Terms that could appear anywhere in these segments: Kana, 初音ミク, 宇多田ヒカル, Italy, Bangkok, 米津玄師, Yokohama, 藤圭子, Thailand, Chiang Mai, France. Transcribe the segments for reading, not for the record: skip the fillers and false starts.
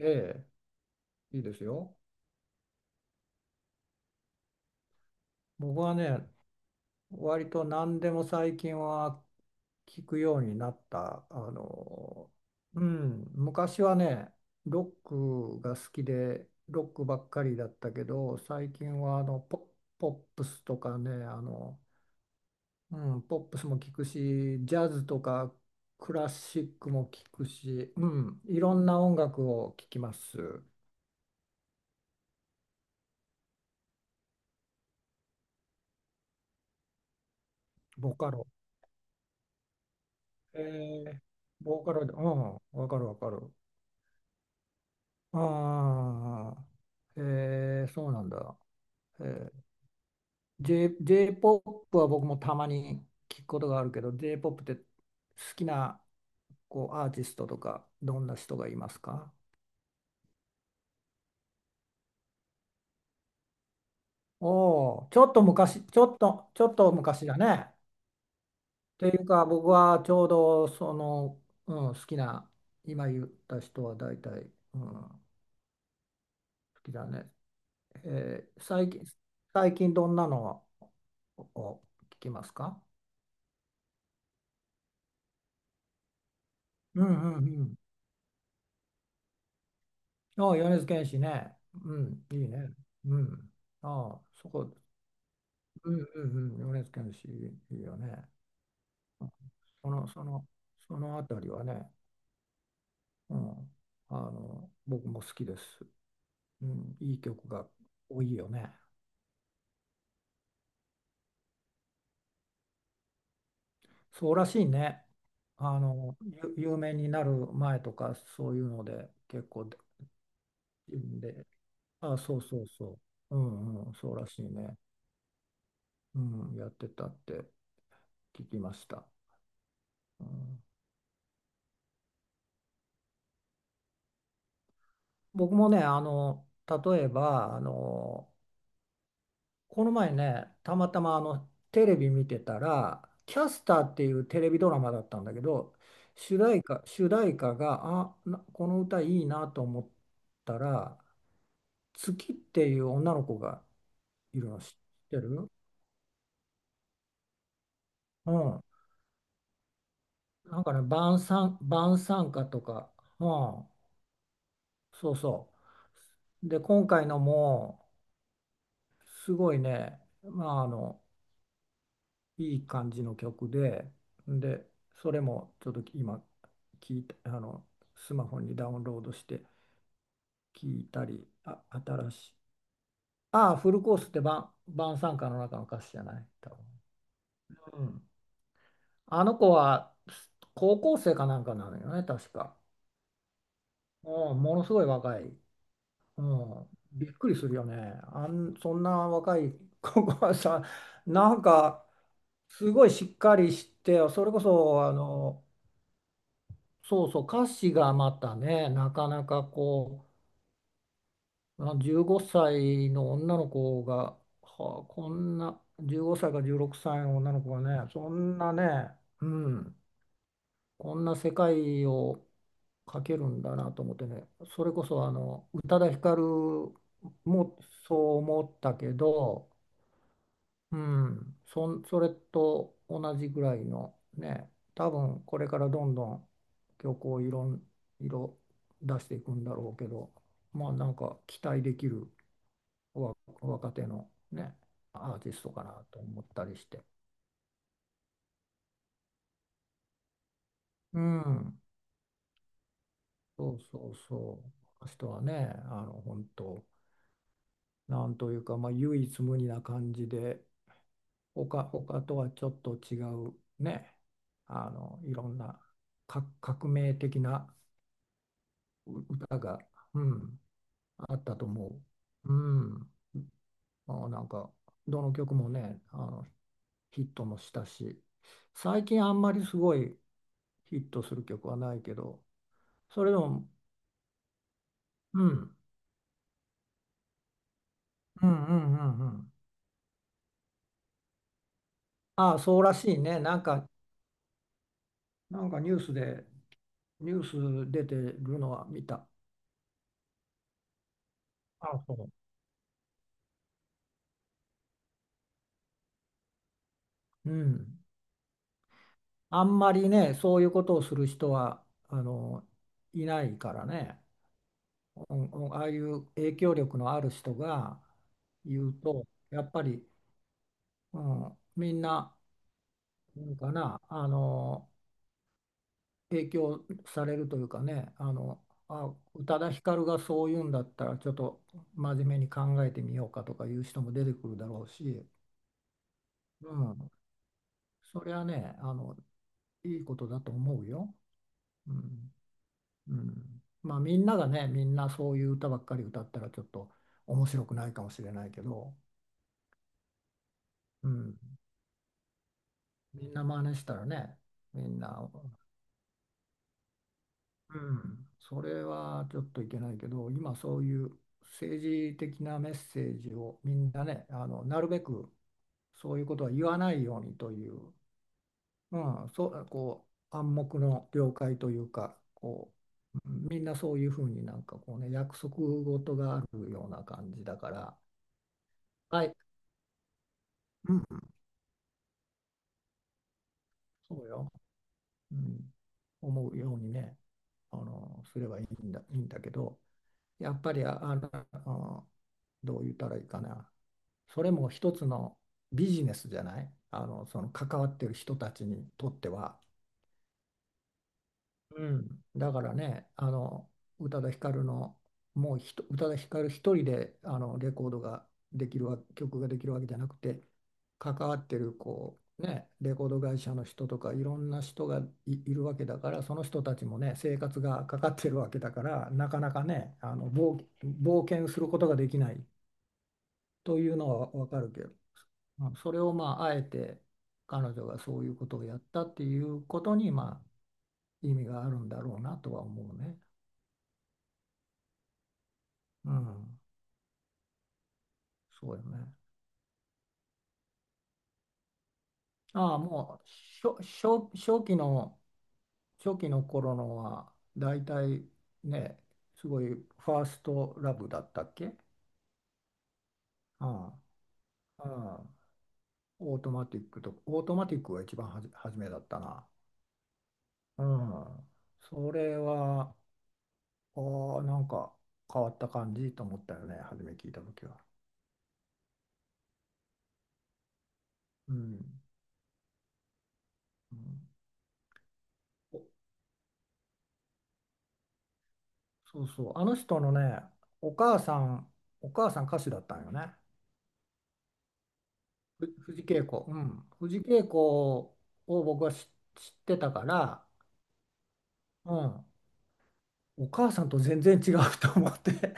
ええ、いいですよ。僕はね、割と何でも最近は聞くようになった。うん、昔はね、ロックが好きで、ロックばっかりだったけど、最近はポップスとかね、うん、ポップスも聞くし、ジャズとかクラシックも聞くし、うん、いろんな音楽を聞きます。ボカロ。ええ、ボーカルで、うん、わかるわかる。ああ、えー、そうなんだ。えー、J-POP は僕もたまに聞くことがあるけど、J-POP って好きなこうアーティストとか、どんな人がいますか？おおー、ちょっと昔、ちょっと、ちょっと昔だね。というか、僕はちょうどその、うん、好きな、今言った人は大体、うん、好きだね。えー、最近、最近どんなのを聞きますか？うんうんうん。ああ、米津玄師ね。うん、いいね。うん。ああ、そこ、うんうんうん、米津玄師いいよね。うん。その、その、そのあたりはね、うん、僕も好きです。うん、いい曲が多いよね。そうらしいね。あの、有名になる前とか、そういうので、結構で、ああ、そうそうそう。うんうん、そうらしいね。うん、やってたって聞きました。うん。僕もね、例えば、この前ね、たまたまテレビ見てたら、キャスターっていうテレビドラマだったんだけど、主題歌が、あ、この歌いいなと思ったら、月っていう女の子がいるの知ってる？うん。なんかね、晩餐歌とか、うん、そうそう。で、今回のも、すごいね、まあ、いい感じの曲で、で、それもちょっと今聞いたスマホにダウンロードして聞いたり、あ、新しい。ああ、フルコースって晩餐歌の中の歌詞じゃない多分。うん。あの子は高校生かなんかなのよね、確か。うん、ものすごい若い。うん。びっくりするよね。そんな若い子が さ、なんか、すごいしっかりして、それこそ、そうそう、歌詞がまたね、なかなか15歳の女の子が、はあ、こんな、15歳か16歳の女の子がね、そんなね、うん、こんな世界を描けるんだなと思ってね、それこそ宇多田ヒカルもそう思ったけど、うん、それと同じぐらいのね、多分これからどんどん曲をいろん、色出していくんだろうけど、まあなんか期待できる若手のね、アーティストかなと思ったりして。うん、そうそうそう。あの人はね、本当、なんというか、まあ唯一無二な感じで、他とはちょっと違うね、いろんな革命的な歌が、うん、あったと思う。うん。なんか、どの曲もね、ヒットもしたし、最近あんまりすごいヒットする曲はないけど、それでも、うん、うんうんうんうん。ああ、そうらしいね。なんかニュース出てるのは見た。あ、そう。うん。あんまりね、そういうことをする人は、いないからね。うんうん、ああいう影響力のある人が言うとやっぱり、うん、みんな、なんかな影響されるというかねあ宇多田ヒカルがそう言うんだったらちょっと真面目に考えてみようかとかいう人も出てくるだろうし、うん、それはねいいことだと思うよ。うんうん、まあみんながねみんなそういう歌ばっかり歌ったらちょっと面白くないかもしれないけど。うん、みんな真似したらね、みんな、うん、それはちょっといけないけど、今そういう政治的なメッセージをみんなね、なるべくそういうことは言わないようにという、うん、そう、こう、暗黙の了解というか、こう、みんなそういうふうになんかこうね、約束事があるような感じだから、はい、うん、そうよ、うん、思うようにね、すればいいんだ、いいんだけど、やっぱりどう言ったらいいかな。それも一つのビジネスじゃない。その関わってる人たちにとっては。うん、だからね、宇多田ヒカルの、もう宇多田ヒカル一人でレコードができるわ、曲ができるわけじゃなくて、関わってるこう、ね、レコード会社の人とか、いろんな人がいるわけだから、その人たちもね、生活がかかってるわけだから、なかなかね、冒険することができないというのはわかるけど、うんそれをまあ、あえて彼女がそういうことをやったっていうことに、まあ、意味があるんだろうなとは思うね。うん、そうよね。ああ、もうしょ初、初期の頃のは、だいたいね、すごいファーストラブだったっけ？うん、うん、オートマティックが一番初めだったな。うん、それは、ああ、なんか変わった感じと思ったよね、初め聞いた時は。うん、うん、そうそう、あの人のね、お母さん、お母さん歌手だったんよね。藤圭子。うん。藤圭子を僕は知ってたから、うん。お母さんと全然違うと思って。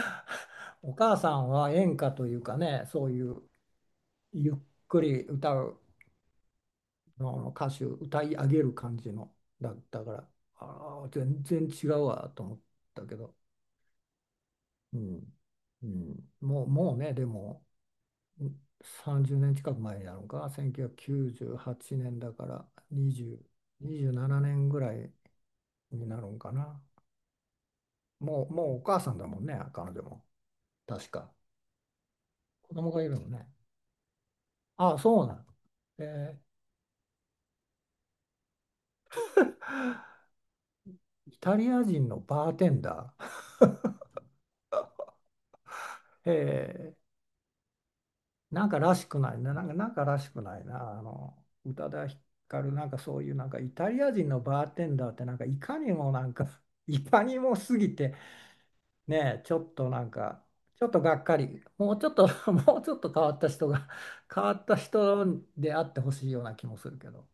お母さんは演歌というかね、そういうゆっくり歌うの歌手、歌い上げる感じのだったから、ああ、全然違うわと思ったけど、うん。うん、もう、もうね、でも。30年近く前になるのか、1998年だから20、27年ぐらいになるんかな。もう、もうお母さんだもんね、彼女も。確か。子供がいるのね。ああ、そうなん。えー、イタリア人のバーテンダー。えー、なんからしくないな、なんか、なんからしくないな。宇多田ヒカル、なんかそういう、なんかイタリア人のバーテンダーって、なんかいかにもなんか、いかにも過ぎて、ねえ、ちょっとなんか、ちょっとがっかり、もうちょっと、もうちょっと変わった人が、変わった人であってほしいような気もするけど。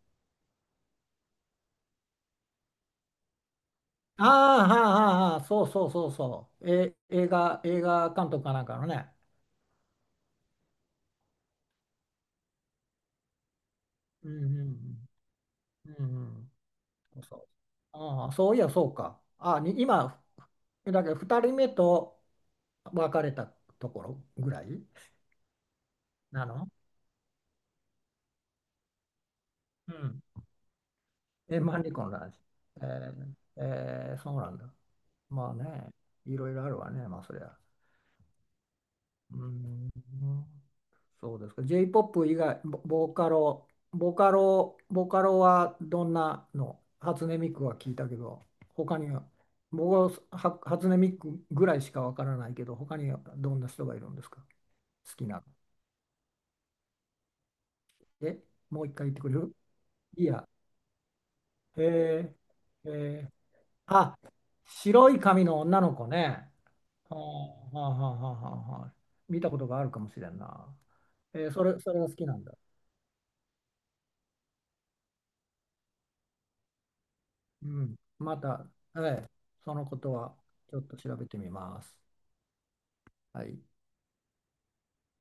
ああ、はあ、はあ、はあ、そうそうそうそう。え、映画監督かなんかのね。うんうんうん。うんうん。そうそう。ああ、そういや、そうか。だけど2人目と別れたところぐらいなの？うん。え、万里コの話。えー、えー、そうなんだ。まあね、いろいろあるわね、まあそりゃ。うーん、そうですか。J-POP 以外、ボボーカロ、ボカロ、ボカロはどんなの？初音ミクは聞いたけど、他には、僕は初音ミクぐらいしかわからないけど、他にはどんな人がいるんですか？好きなの？え、もう一回言ってくれる？いや、えー、えー、あ、白い髪の女の子ね。はあ、はあ、はあ、はあはあ、見たことがあるかもしれんな。えー、それが好きなんだ。うん。また、はい。そのことはちょっと調べてみます。はい。